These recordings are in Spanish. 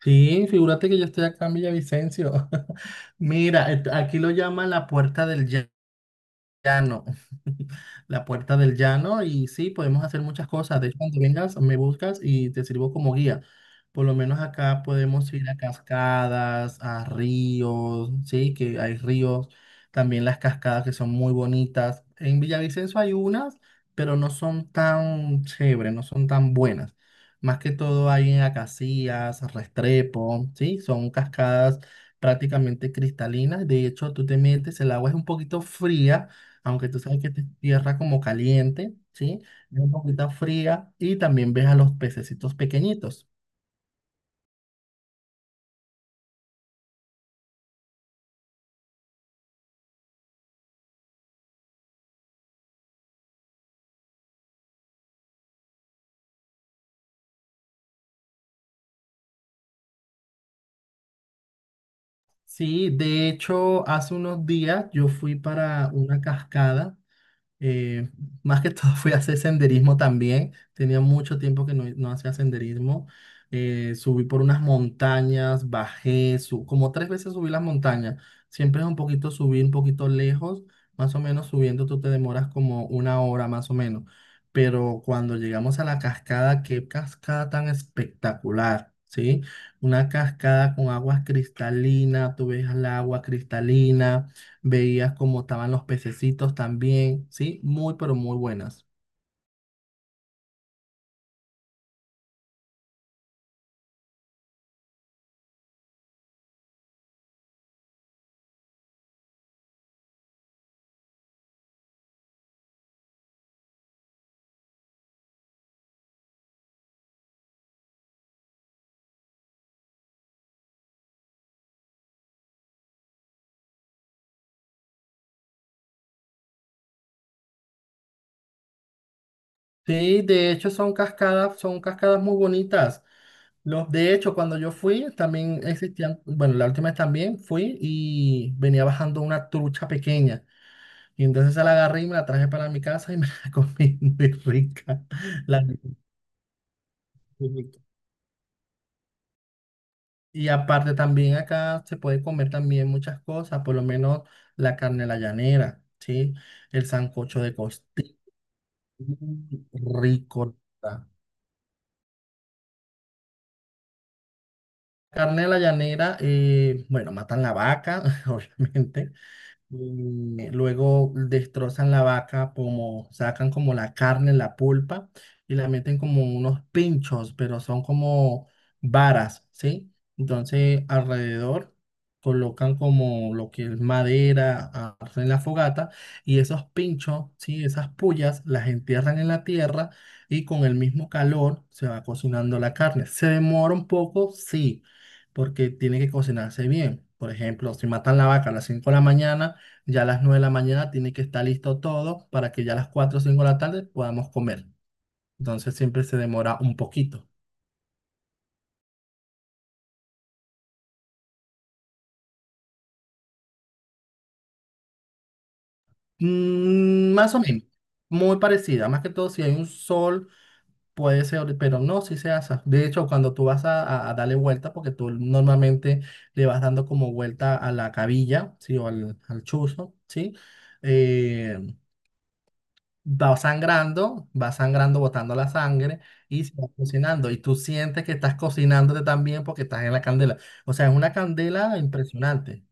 Sí, figúrate que yo estoy acá en Villavicencio. Mira, aquí lo llaman la puerta del llano, la puerta del llano y sí, podemos hacer muchas cosas. De hecho, cuando vengas, me buscas y te sirvo como guía. Por lo menos acá podemos ir a cascadas, a ríos, sí, que hay ríos, también las cascadas que son muy bonitas. En Villavicencio hay unas, pero no son tan chéveres, no son tan buenas. Más que todo hay en Acacías, Restrepo, sí, son cascadas prácticamente cristalinas. De hecho, tú te metes, el agua es un poquito fría aunque tú sabes que esta es tierra como caliente, ¿sí? Es un poquito fría y también ves a los pececitos pequeñitos. Sí, de hecho, hace unos días yo fui para una cascada. Eh, Más que todo fui a hacer senderismo también. Tenía mucho tiempo que no hacía senderismo. Subí por unas montañas, bajé, como tres veces subí las montañas. Siempre es un poquito subir, un poquito lejos. Más o menos subiendo tú te demoras como una hora más o menos. Pero cuando llegamos a la cascada, qué cascada tan espectacular, ¿sí? Una cascada con aguas cristalinas, tú ves el agua cristalina, veías cómo estaban los pececitos también, ¿sí? Muy, pero muy buenas. Sí, de hecho son cascadas muy bonitas. Los, de hecho, cuando yo fui, también existían, bueno, la última vez también fui y venía bajando una trucha pequeña. Y entonces se la agarré y me la traje para mi casa y me la comí muy rica. La rica, muy rica. Y aparte también acá se puede comer también muchas cosas, por lo menos la carne a la llanera, ¿sí? El sancocho de costilla. Mm, rico. La Carne de la llanera, bueno, matan la vaca, obviamente. Mm, luego destrozan la vaca, como sacan como la carne, la pulpa, y la meten como unos pinchos, pero son como varas, ¿sí? Entonces alrededor colocan como lo que es madera, hacen la fogata, y esos pinchos, ¿sí? Esas pullas las entierran en la tierra y con el mismo calor se va cocinando la carne. ¿Se demora un poco? Sí, porque tiene que cocinarse bien. Por ejemplo, si matan la vaca a las 5 de la mañana, ya a las 9 de la mañana tiene que estar listo todo para que ya a las 4 o 5 de la tarde podamos comer. Entonces siempre se demora un poquito. Mm, más o menos, muy parecida. Más que todo, si hay un sol, puede ser, pero no, si se asa. De hecho, cuando tú vas a darle vuelta, porque tú normalmente le vas dando como vuelta a la cabilla, ¿sí? O al, al chuzo, ¿sí? Eh, Va sangrando, va sangrando, botando la sangre y se va cocinando. Y tú sientes que estás cocinándote también porque estás en la candela. O sea, es una candela impresionante.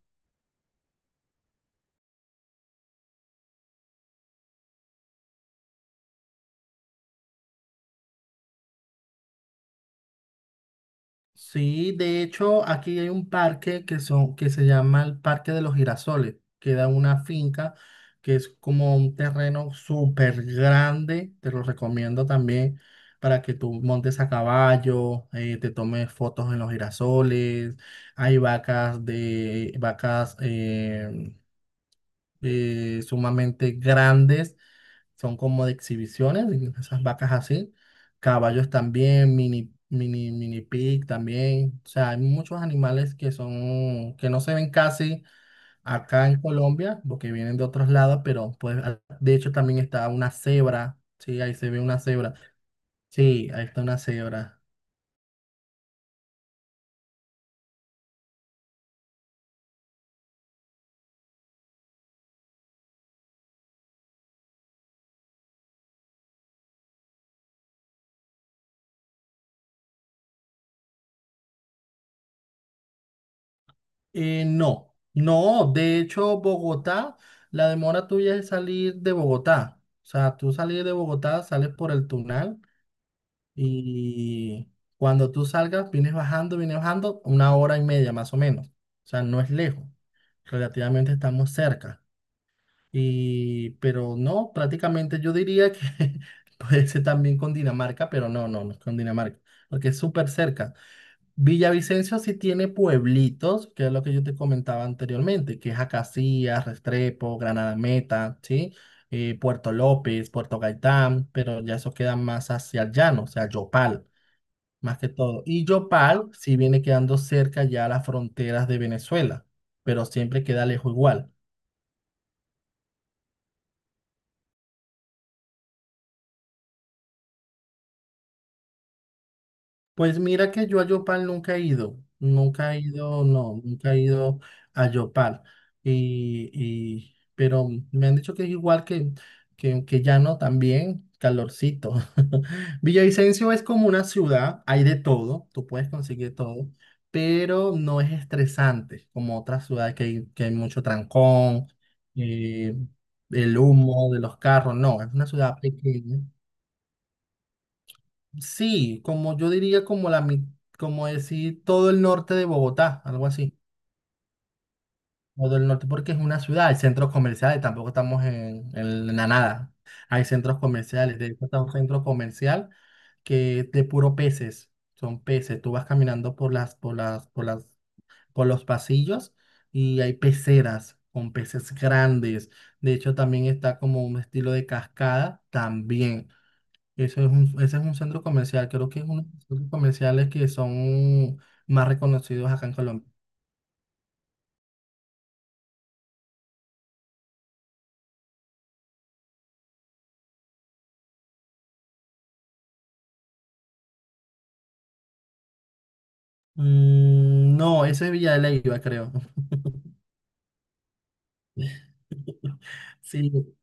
Sí, de hecho, aquí hay un parque que, son, que se llama el Parque de los Girasoles. Queda en una finca que es como un terreno súper grande. Te lo recomiendo también para que tú montes a caballo, te tomes fotos en los girasoles. Hay vacas de vacas sumamente grandes, son como de exhibiciones, y esas vacas así, caballos también, mini, mini, mini pig también, o sea, hay muchos animales que son, que no se ven casi acá en Colombia, porque vienen de otros lados, pero pues, de hecho también está una cebra, sí, ahí se ve una cebra, sí, ahí está una cebra. No, no, de hecho Bogotá, la demora tuya es salir de Bogotá. O sea, tú salir de Bogotá, sales por el Tunal. Y cuando tú salgas, vienes bajando una hora y media más o menos. O sea, no es lejos. Relativamente estamos cerca. Y, pero no, prácticamente yo diría que puede ser también con Dinamarca, pero no, no, no es con Dinamarca, porque es súper cerca. Villavicencio sí tiene pueblitos, que es lo que yo te comentaba anteriormente, que es Acacías, Restrepo, Granada Meta, ¿sí? Puerto López, Puerto Gaitán, pero ya eso queda más hacia el llano, o sea, Yopal más que todo. Y Yopal sí viene quedando cerca ya a las fronteras de Venezuela, pero siempre queda lejos igual. Pues mira que yo a Yopal nunca he ido, nunca he ido, no, nunca he ido a Yopal. Pero me han dicho que es igual que, que Llano también, calorcito. Villavicencio es como una ciudad, hay de todo, tú puedes conseguir todo, pero no es estresante como otras ciudades que hay mucho trancón, eh, el humo de los carros, no, es una ciudad pequeña. Sí, como yo diría como como decir todo el norte de Bogotá, algo así. Todo el norte porque es una ciudad, hay centros comerciales, tampoco estamos en la nada. Hay centros comerciales, de hecho está un centro comercial que es de puro peces, son peces. Tú vas caminando por las, por los pasillos y hay peceras con peces grandes. De hecho también está como un estilo de cascada también. Eso es un, ese es un centro comercial. Creo que es uno de los centros comerciales que son más reconocidos acá en Colombia. Mm, no, ese es Villa de Leyva, creo. Sí,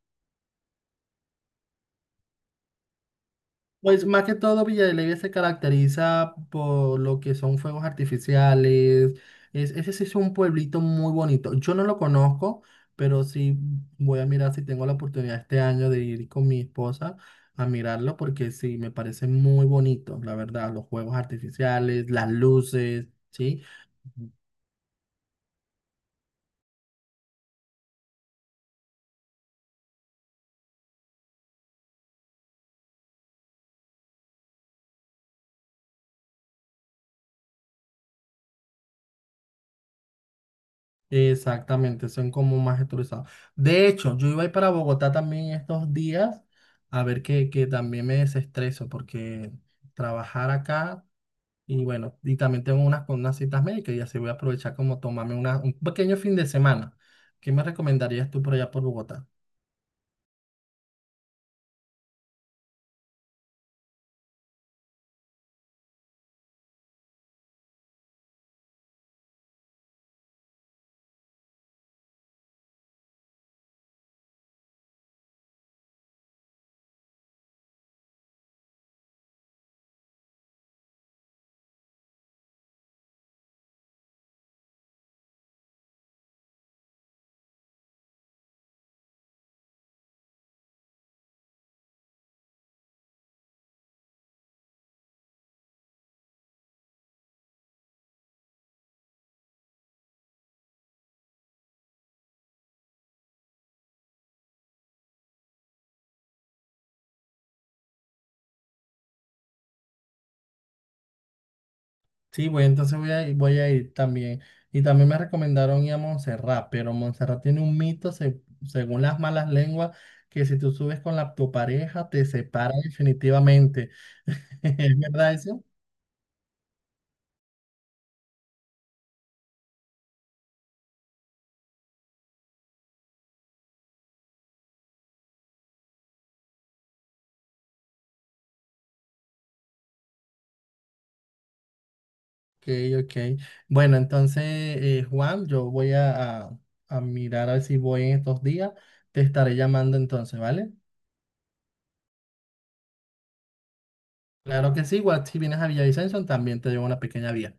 pues más que todo Villa de Leyva se caracteriza por lo que son fuegos artificiales. Es, ese sí es un pueblito muy bonito. Yo no lo conozco, pero sí voy a mirar si tengo la oportunidad este año de ir con mi esposa a mirarlo porque sí, me parece muy bonito, la verdad, los fuegos artificiales, las luces, ¿sí? Exactamente, son como más estructurados. De hecho, yo iba a ir para Bogotá también estos días a ver que también me desestreso porque trabajar acá y bueno, y también tengo unas, con unas citas médicas y así voy a aprovechar como tomarme una, un pequeño fin de semana. ¿Qué me recomendarías tú por allá por Bogotá? Sí, voy, entonces voy voy a ir también. Y también me recomendaron ir a Montserrat, pero Montserrat tiene un mito, según las malas lenguas, que si tú subes con tu pareja, te separa definitivamente. ¿Es verdad eso? Ok, ok. Bueno, entonces, Juan, yo voy a mirar a ver si voy en estos días. Te estaré llamando entonces, ¿vale? Claro que sí, igual si vienes a Villavicencio, también te llevo una pequeña vía.